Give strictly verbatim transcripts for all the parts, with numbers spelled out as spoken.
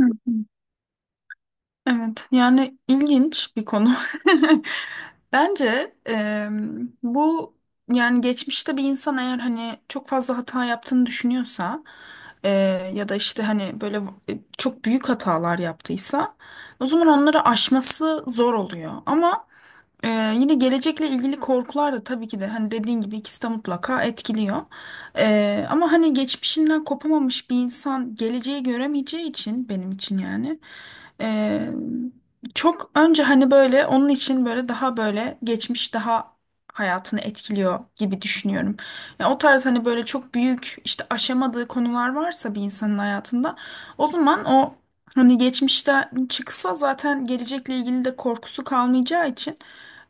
Hı hı. Evet, yani ilginç bir konu. Bence e, bu yani geçmişte bir insan eğer hani çok fazla hata yaptığını düşünüyorsa e, ya da işte hani böyle e, çok büyük hatalar yaptıysa o zaman onları aşması zor oluyor. Ama ee, yine gelecekle ilgili korkular da tabii ki de hani dediğin gibi ikisi de mutlaka etkiliyor. Ee, ama hani geçmişinden kopamamış bir insan geleceği göremeyeceği için benim için yani ee, çok önce hani böyle onun için böyle daha böyle geçmiş daha hayatını etkiliyor gibi düşünüyorum. Yani o tarz hani böyle çok büyük işte aşamadığı konular varsa bir insanın hayatında o zaman o hani geçmişten çıksa zaten gelecekle ilgili de korkusu kalmayacağı için.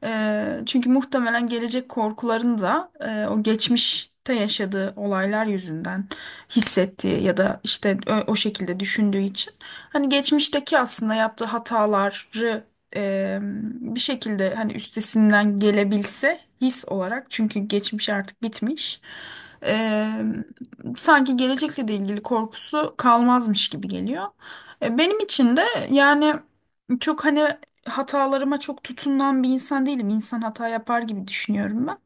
Eee, çünkü muhtemelen gelecek korkularını da eee, o geçmişte yaşadığı olaylar yüzünden hissettiği ya da işte ö- o şekilde düşündüğü için hani geçmişteki aslında yaptığı hataları eee, bir şekilde hani üstesinden gelebilse his olarak çünkü geçmiş artık bitmiş. Eee, sanki gelecekle de ilgili korkusu kalmazmış gibi geliyor. E, benim için de yani çok hani hatalarıma çok tutunan bir insan değilim. İnsan hata yapar gibi düşünüyorum ben.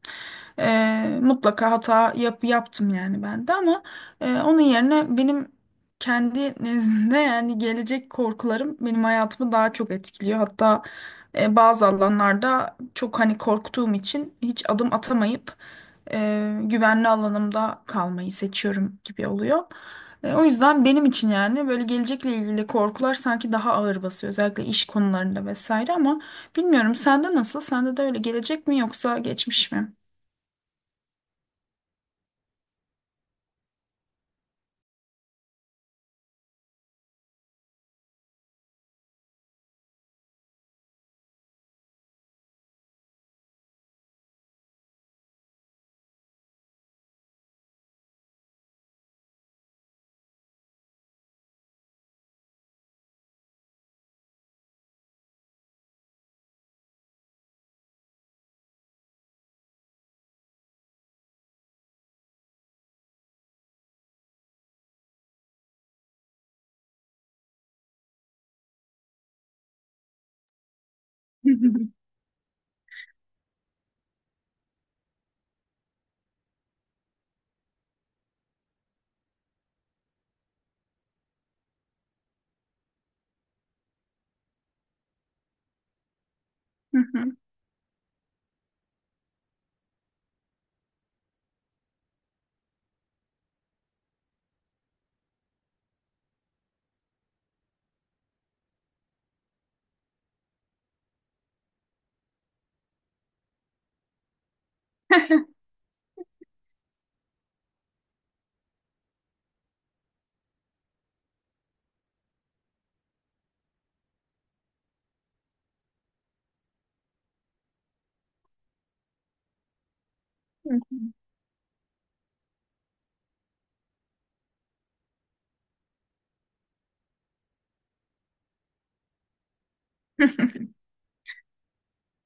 Ee, mutlaka hata yap, yaptım yani ben de ama e, onun yerine benim kendi nezdimde yani gelecek korkularım benim hayatımı daha çok etkiliyor. Hatta e, bazı alanlarda çok hani korktuğum için hiç adım atamayıp e, güvenli alanımda kalmayı seçiyorum gibi oluyor. E, o yüzden benim için yani böyle gelecekle ilgili korkular sanki daha ağır basıyor. Özellikle iş konularında vesaire ama bilmiyorum sende nasıl? Sende de öyle gelecek mi yoksa geçmiş mi?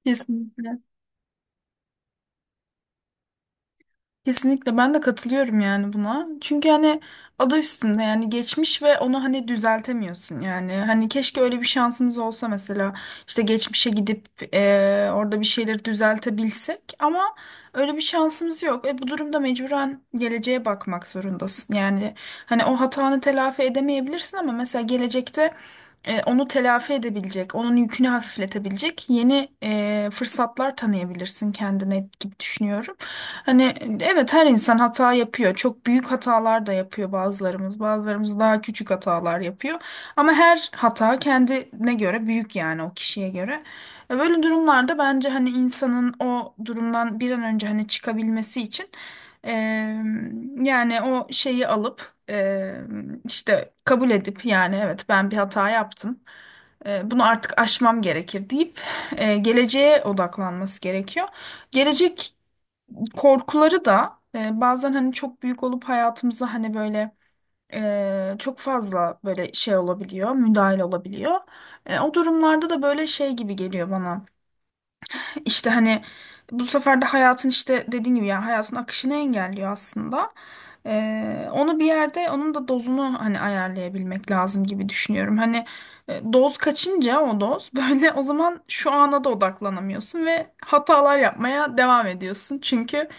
Kesinlikle. Kesinlikle ben de katılıyorum yani buna. Çünkü hani adı üstünde yani geçmiş ve onu hani düzeltemiyorsun yani. Hani keşke öyle bir şansımız olsa mesela işte geçmişe gidip eee, orada bir şeyleri düzeltebilsek ama öyle bir şansımız yok. E bu durumda mecburen geleceğe bakmak zorundasın. Yani hani o hatanı telafi edemeyebilirsin ama mesela gelecekte e, onu telafi edebilecek, onun yükünü hafifletebilecek yeni e, fırsatlar tanıyabilirsin kendine gibi düşünüyorum. Hani e, evet her insan hata yapıyor. Çok büyük hatalar da yapıyor bazılarımız. Bazılarımız daha küçük hatalar yapıyor. Ama her hata kendine göre büyük yani o kişiye göre. E, Böyle durumlarda bence hani insanın o durumdan bir an önce hani çıkabilmesi için e, yani o şeyi alıp e, işte kabul edip yani evet ben bir hata yaptım. E, bunu artık aşmam gerekir deyip e, geleceğe odaklanması gerekiyor. Gelecek korkuları da e, bazen hani çok büyük olup hayatımıza hani böyle e, çok fazla böyle şey olabiliyor, müdahil olabiliyor. E, o durumlarda da böyle şey gibi geliyor bana. İşte hani bu sefer de hayatın işte dediğin gibi yani hayatın akışını engelliyor aslında. Ee, onu bir yerde onun da dozunu hani ayarlayabilmek lazım gibi düşünüyorum. Hani e, doz kaçınca o doz böyle o zaman şu ana da odaklanamıyorsun ve hatalar yapmaya devam ediyorsun. Çünkü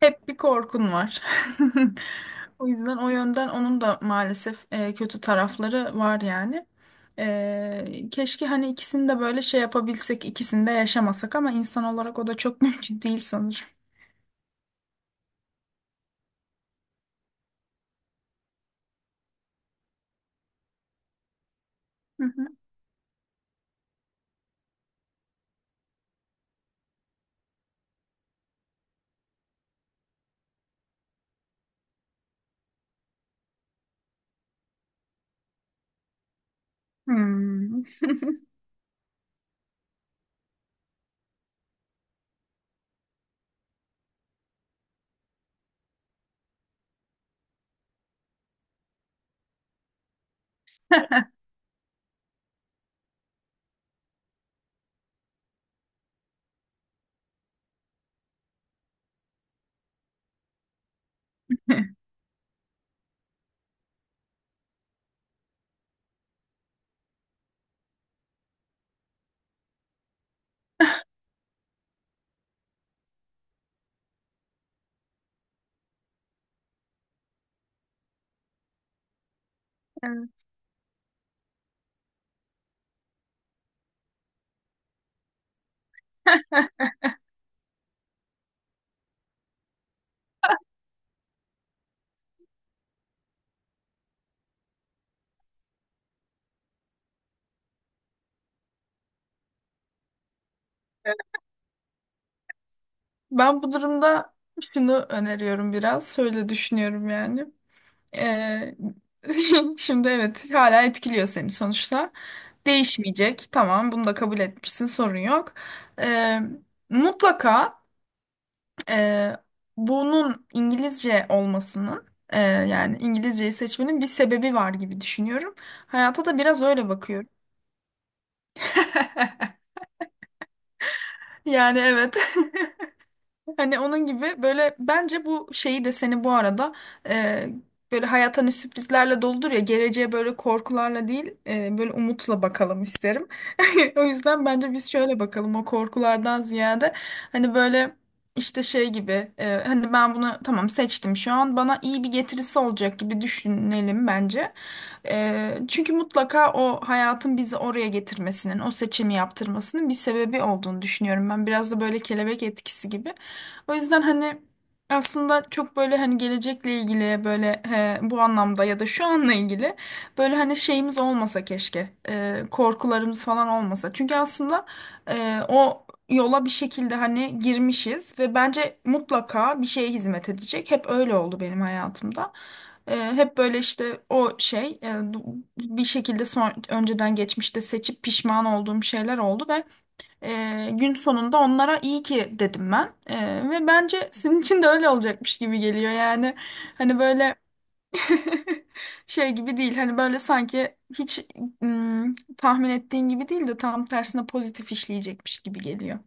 hep bir korkun var. O yüzden o yönden onun da maalesef e, kötü tarafları var yani. Ee, keşke hani ikisini de böyle şey yapabilsek, ikisini de yaşamasak ama insan olarak o da çok mümkün değil sanırım. Hı hı. Hmm. Evet. Ben bu durumda şunu öneriyorum biraz. Şöyle düşünüyorum yani. Ee, şimdi evet hala etkiliyor seni sonuçta. Değişmeyecek. Tamam bunu da kabul etmişsin sorun yok. Ee, Mutlaka Ee, bunun İngilizce olmasının e, yani İngilizceyi seçmenin bir sebebi var gibi düşünüyorum. Hayata da biraz öyle bakıyorum. Yani evet. Hani onun gibi böyle bence bu şeyi de seni bu arada e, böyle hayat hani sürprizlerle doludur ya geleceğe böyle korkularla değil e, böyle umutla bakalım isterim. O yüzden bence biz şöyle bakalım o korkulardan ziyade hani böyle işte şey gibi e, hani ben bunu tamam seçtim şu an bana iyi bir getirisi olacak gibi düşünelim bence. E, çünkü mutlaka o hayatın bizi oraya getirmesinin o seçimi yaptırmasının bir sebebi olduğunu düşünüyorum ben biraz da böyle kelebek etkisi gibi. O yüzden hani aslında çok böyle hani gelecekle ilgili böyle he, bu anlamda ya da şu anla ilgili böyle hani şeyimiz olmasa keşke e, korkularımız falan olmasa. Çünkü aslında e, o yola bir şekilde hani girmişiz ve bence mutlaka bir şeye hizmet edecek. Hep öyle oldu benim hayatımda. E, hep böyle işte o şey e, du- bir şekilde son, önceden geçmişte seçip pişman olduğum şeyler oldu ee, gün sonunda onlara iyi ki dedim ben. Ee, ve bence senin için de öyle olacakmış gibi geliyor yani. Hani böyle şey gibi değil hani böyle sanki hiç ım, tahmin ettiğin gibi değil de tam tersine pozitif işleyecekmiş gibi geliyor.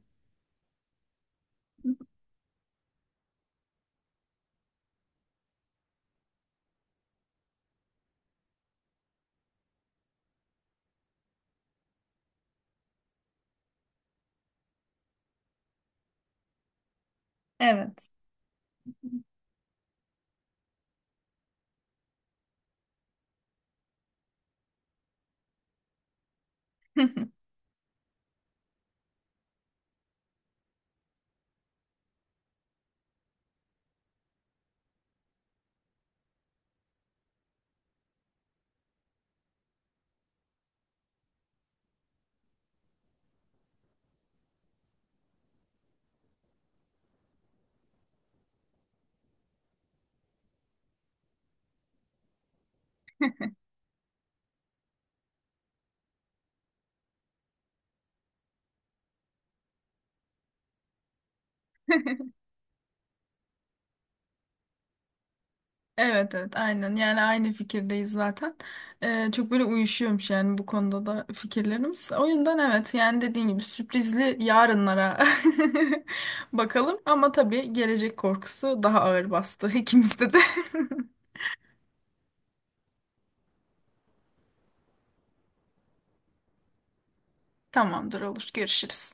Evet. Evet evet aynen yani aynı fikirdeyiz zaten. Ee, çok böyle uyuşuyormuş yani bu konuda da fikirlerimiz. O yüzden evet yani dediğin gibi sürprizli yarınlara bakalım ama tabii gelecek korkusu daha ağır bastı ikimizde de. Tamamdır, olur, görüşürüz.